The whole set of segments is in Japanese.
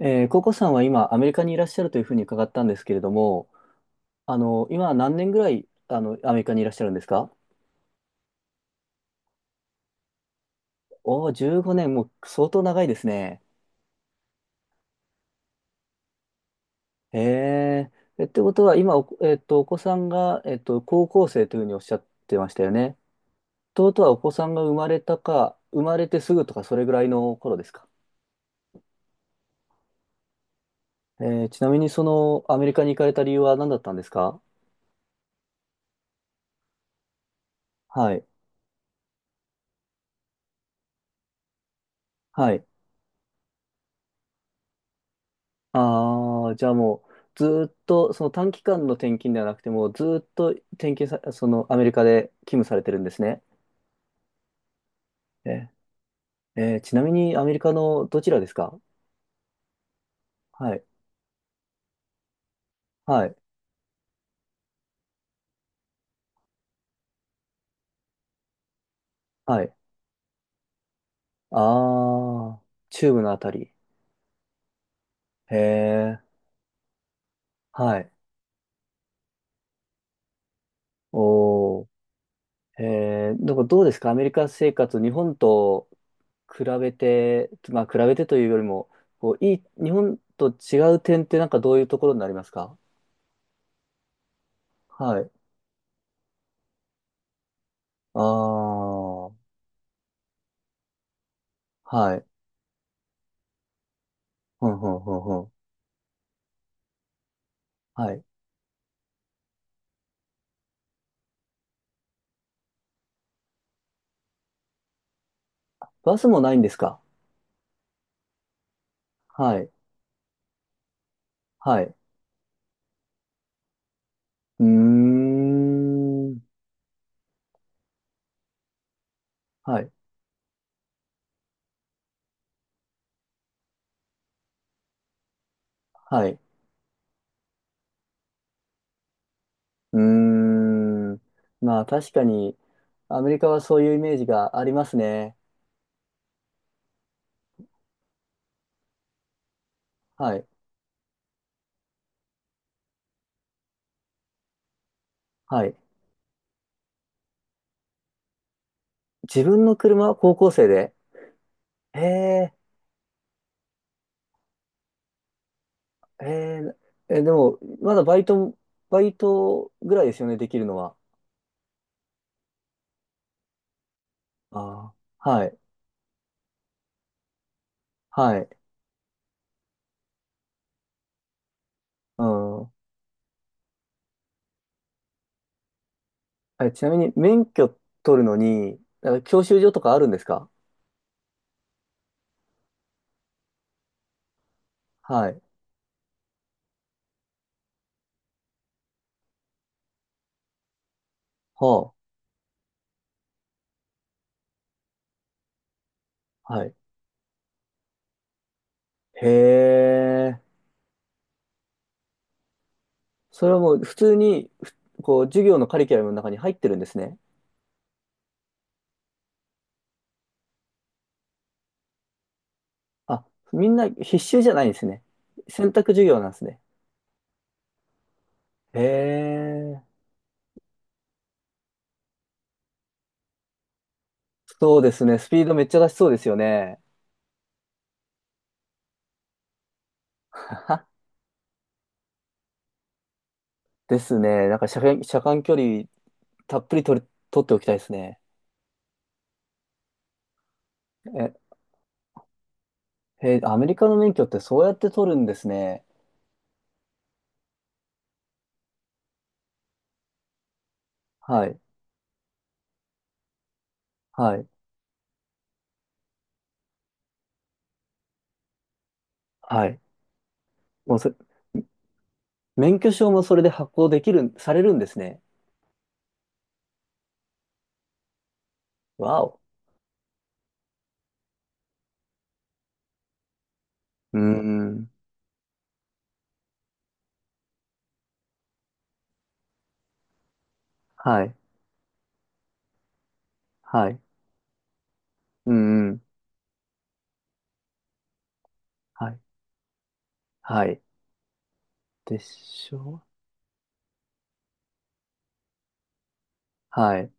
ココさんは今、アメリカにいらっしゃるというふうに伺ったんですけれども、今何年ぐらい、アメリカにいらっしゃるんですか？おおー、15年、もう相当長いですね。へえ。え、ってことは、今、お子さんが、高校生というふうにおっしゃってましたよね。ということは、お子さんが生まれたか、生まれてすぐとか、それぐらいの頃ですか。ちなみに、アメリカに行かれた理由は何だったんですか？はい。はい。ああ、じゃあもう、ずーっと、その短期間の転勤ではなくて、もうずーっと転勤さ、そのアメリカで勤務されてるんですね。え、えーちなみにアメリカのどちらですか？はい、はい、はい。ああ、中部のあたり。へえ、はい。おー、へえ。なんかどうですかアメリカ生活、日本と比べて、まあ比べてというよりも、こう、日本と違う点ってなんかどういうところになりますか？はい。ああ。はい。ほんほんほんほん。はい。バスもないんですか？はい。はい。うーん。はい。はい。うーん。まあ確かに、アメリカはそういうイメージがありますね。はい。はい。自分の車は高校生で。ええ、ええ、え、でも、まだバイトぐらいですよね、できるのは。ああ。はい。はい。うん。え、ちなみに免許取るのに、教習所とかあるんですか？はい。はあ。はい。へえ。それはもう普通に、こう、授業のカリキュラムの中に入ってるんですね。あ、みんな必修じゃないんですね。選択授業なんですね。へえ。そうですね。スピードめっちゃ出しそうですよね。ですね。なんか車間距離たっぷり取っておきたいですね。え、へー。アメリカの免許ってそうやって取るんですね。はい。はい。はい。もうそ、免許証もそれで発行できる、されるんですね。わお。うーん。はい。はい。うん、うん。はい。はい。でしょ。はい。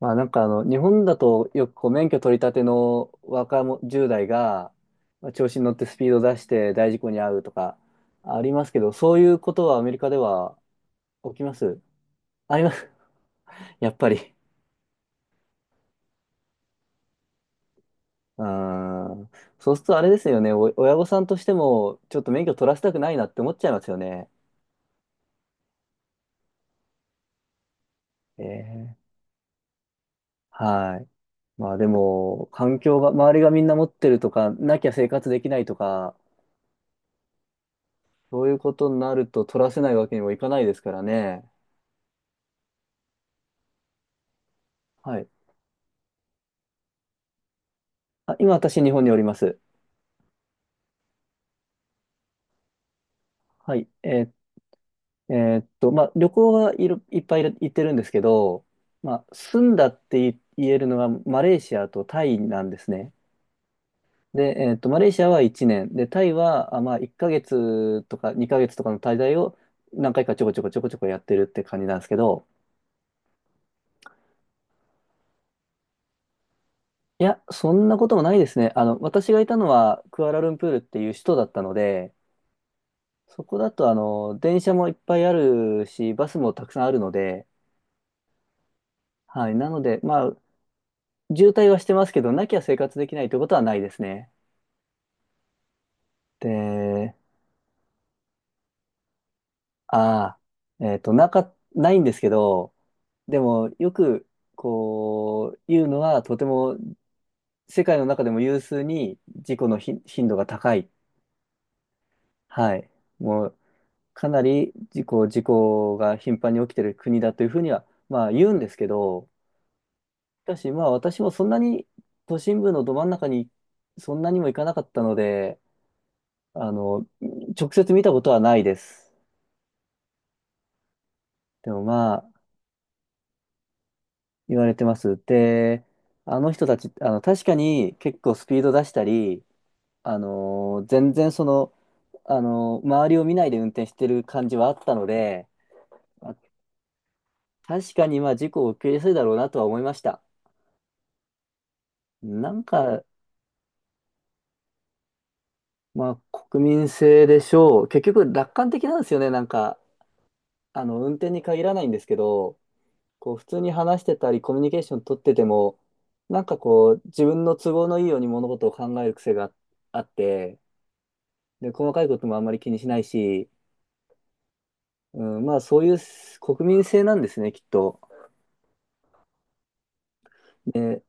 まあなんか日本だとよくこう免許取り立ての若者、10代が、まあ調子に乗ってスピード出して大事故に遭うとかありますけど、そういうことはアメリカでは起きます？あります。やっぱり。うーん。そうするとあれですよね。親御さんとしても、ちょっと免許取らせたくないなって思っちゃいますよね。ええ。はい。まあでも、環境が、周りがみんな持ってるとか、なきゃ生活できないとか、そういうことになると取らせないわけにもいかないですからね。はい。あ、今私日本におります。はい。えまあ旅行はいっぱい行ってるんですけど、まあ住んだって言えるのがマレーシアとタイなんですね。で、マレーシアは1年、で、タイは、まあ1ヶ月とか2ヶ月とかの滞在を何回かちょこちょこちょこちょこやってるって感じなんですけど、いや、そんなこともないですね。私がいたのはクアラルンプールっていう首都だったので、そこだと電車もいっぱいあるし、バスもたくさんあるので、はい。なので、まあ、渋滞はしてますけど、なきゃ生活できないということはないですね。で、ああ、ないんですけど、でも、よく、こう、言うのは、とても、世界の中でも有数に事故の頻度が高い。はい。もう、かなり事故が頻繁に起きてる国だというふうには、まあ言うんですけど、しかしまあ私もそんなに都心部のど真ん中にそんなにも行かなかったので、あの、直接見たことはないです。でもまあ言われてます。で、あの人たち、確かに結構スピード出したり、全然周りを見ないで運転してる感じはあったので、まあ確かにまあ事故を起きやすいだろうなとは思いました。なんか、まあ、国民性でしょう。結局、楽観的なんですよね。なんか、運転に限らないんですけど、こう、普通に話してたり、コミュニケーション取ってても、なんかこう、自分の都合のいいように物事を考える癖があって、で、細かいこともあんまり気にしないし、うん、まあ、そういう国民性なんですね、きっと。で、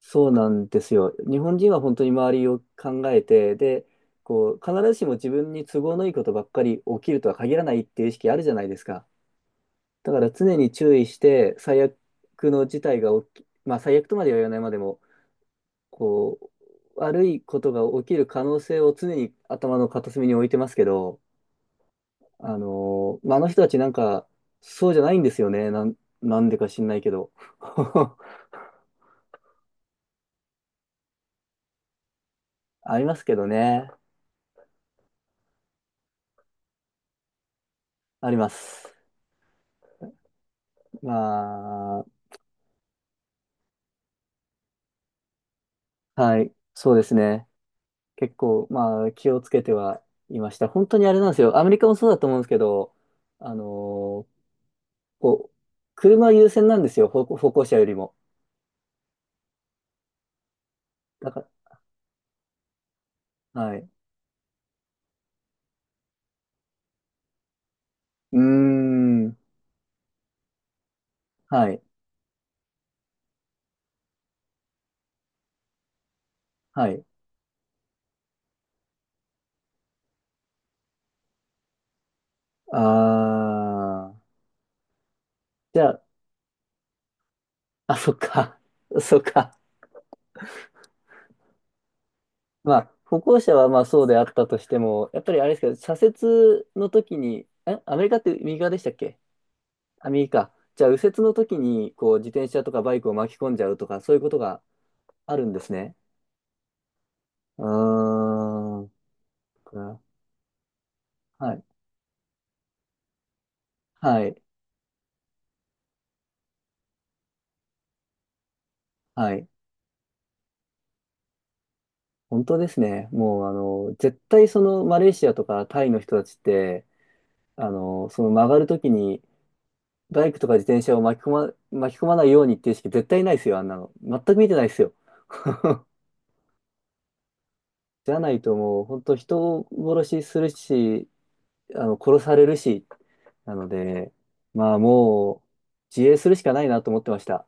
そうなんですよ。日本人は本当に周りを考えて、で、こう、必ずしも自分に都合のいいことばっかり起きるとは限らないっていう意識あるじゃないですか。だから常に注意して、最悪の事態が起き、まあ最悪とまでは言わないまでも、こう、悪いことが起きる可能性を常に頭の片隅に置いてますけど、まあ、あの人たちなんか、そうじゃないんですよね。なんでか知んないけど。ありますけどね。あります。まあ、はい、そうですね。結構、まあ、気をつけてはいました。本当にあれなんですよ。アメリカもそうだと思うんですけど、あのーこう、車優先なんですよ、歩行者よりも。だから、はい。うーん。はい。はい。あー。じゃあ、あ、そっか。そっか。まあ、歩行者はまあそうであったとしても、やっぱりあれですけど、左折の時に、アメリカって右側でしたっけ？あ、右か。じゃあ、右折の時に、こう、自転車とかバイクを巻き込んじゃうとか、そういうことがあるんですね。うーん。はい。はい。はい。本当ですね。もう、絶対そのマレーシアとかタイの人たちって、その曲がるときにバイクとか自転車を巻き込まないようにっていう意識絶対ないですよ、あんなの。全く見てないですよ。じゃないともう、本当人を殺しするし、殺されるし、なので、まあもう、自衛するしかないなと思ってました。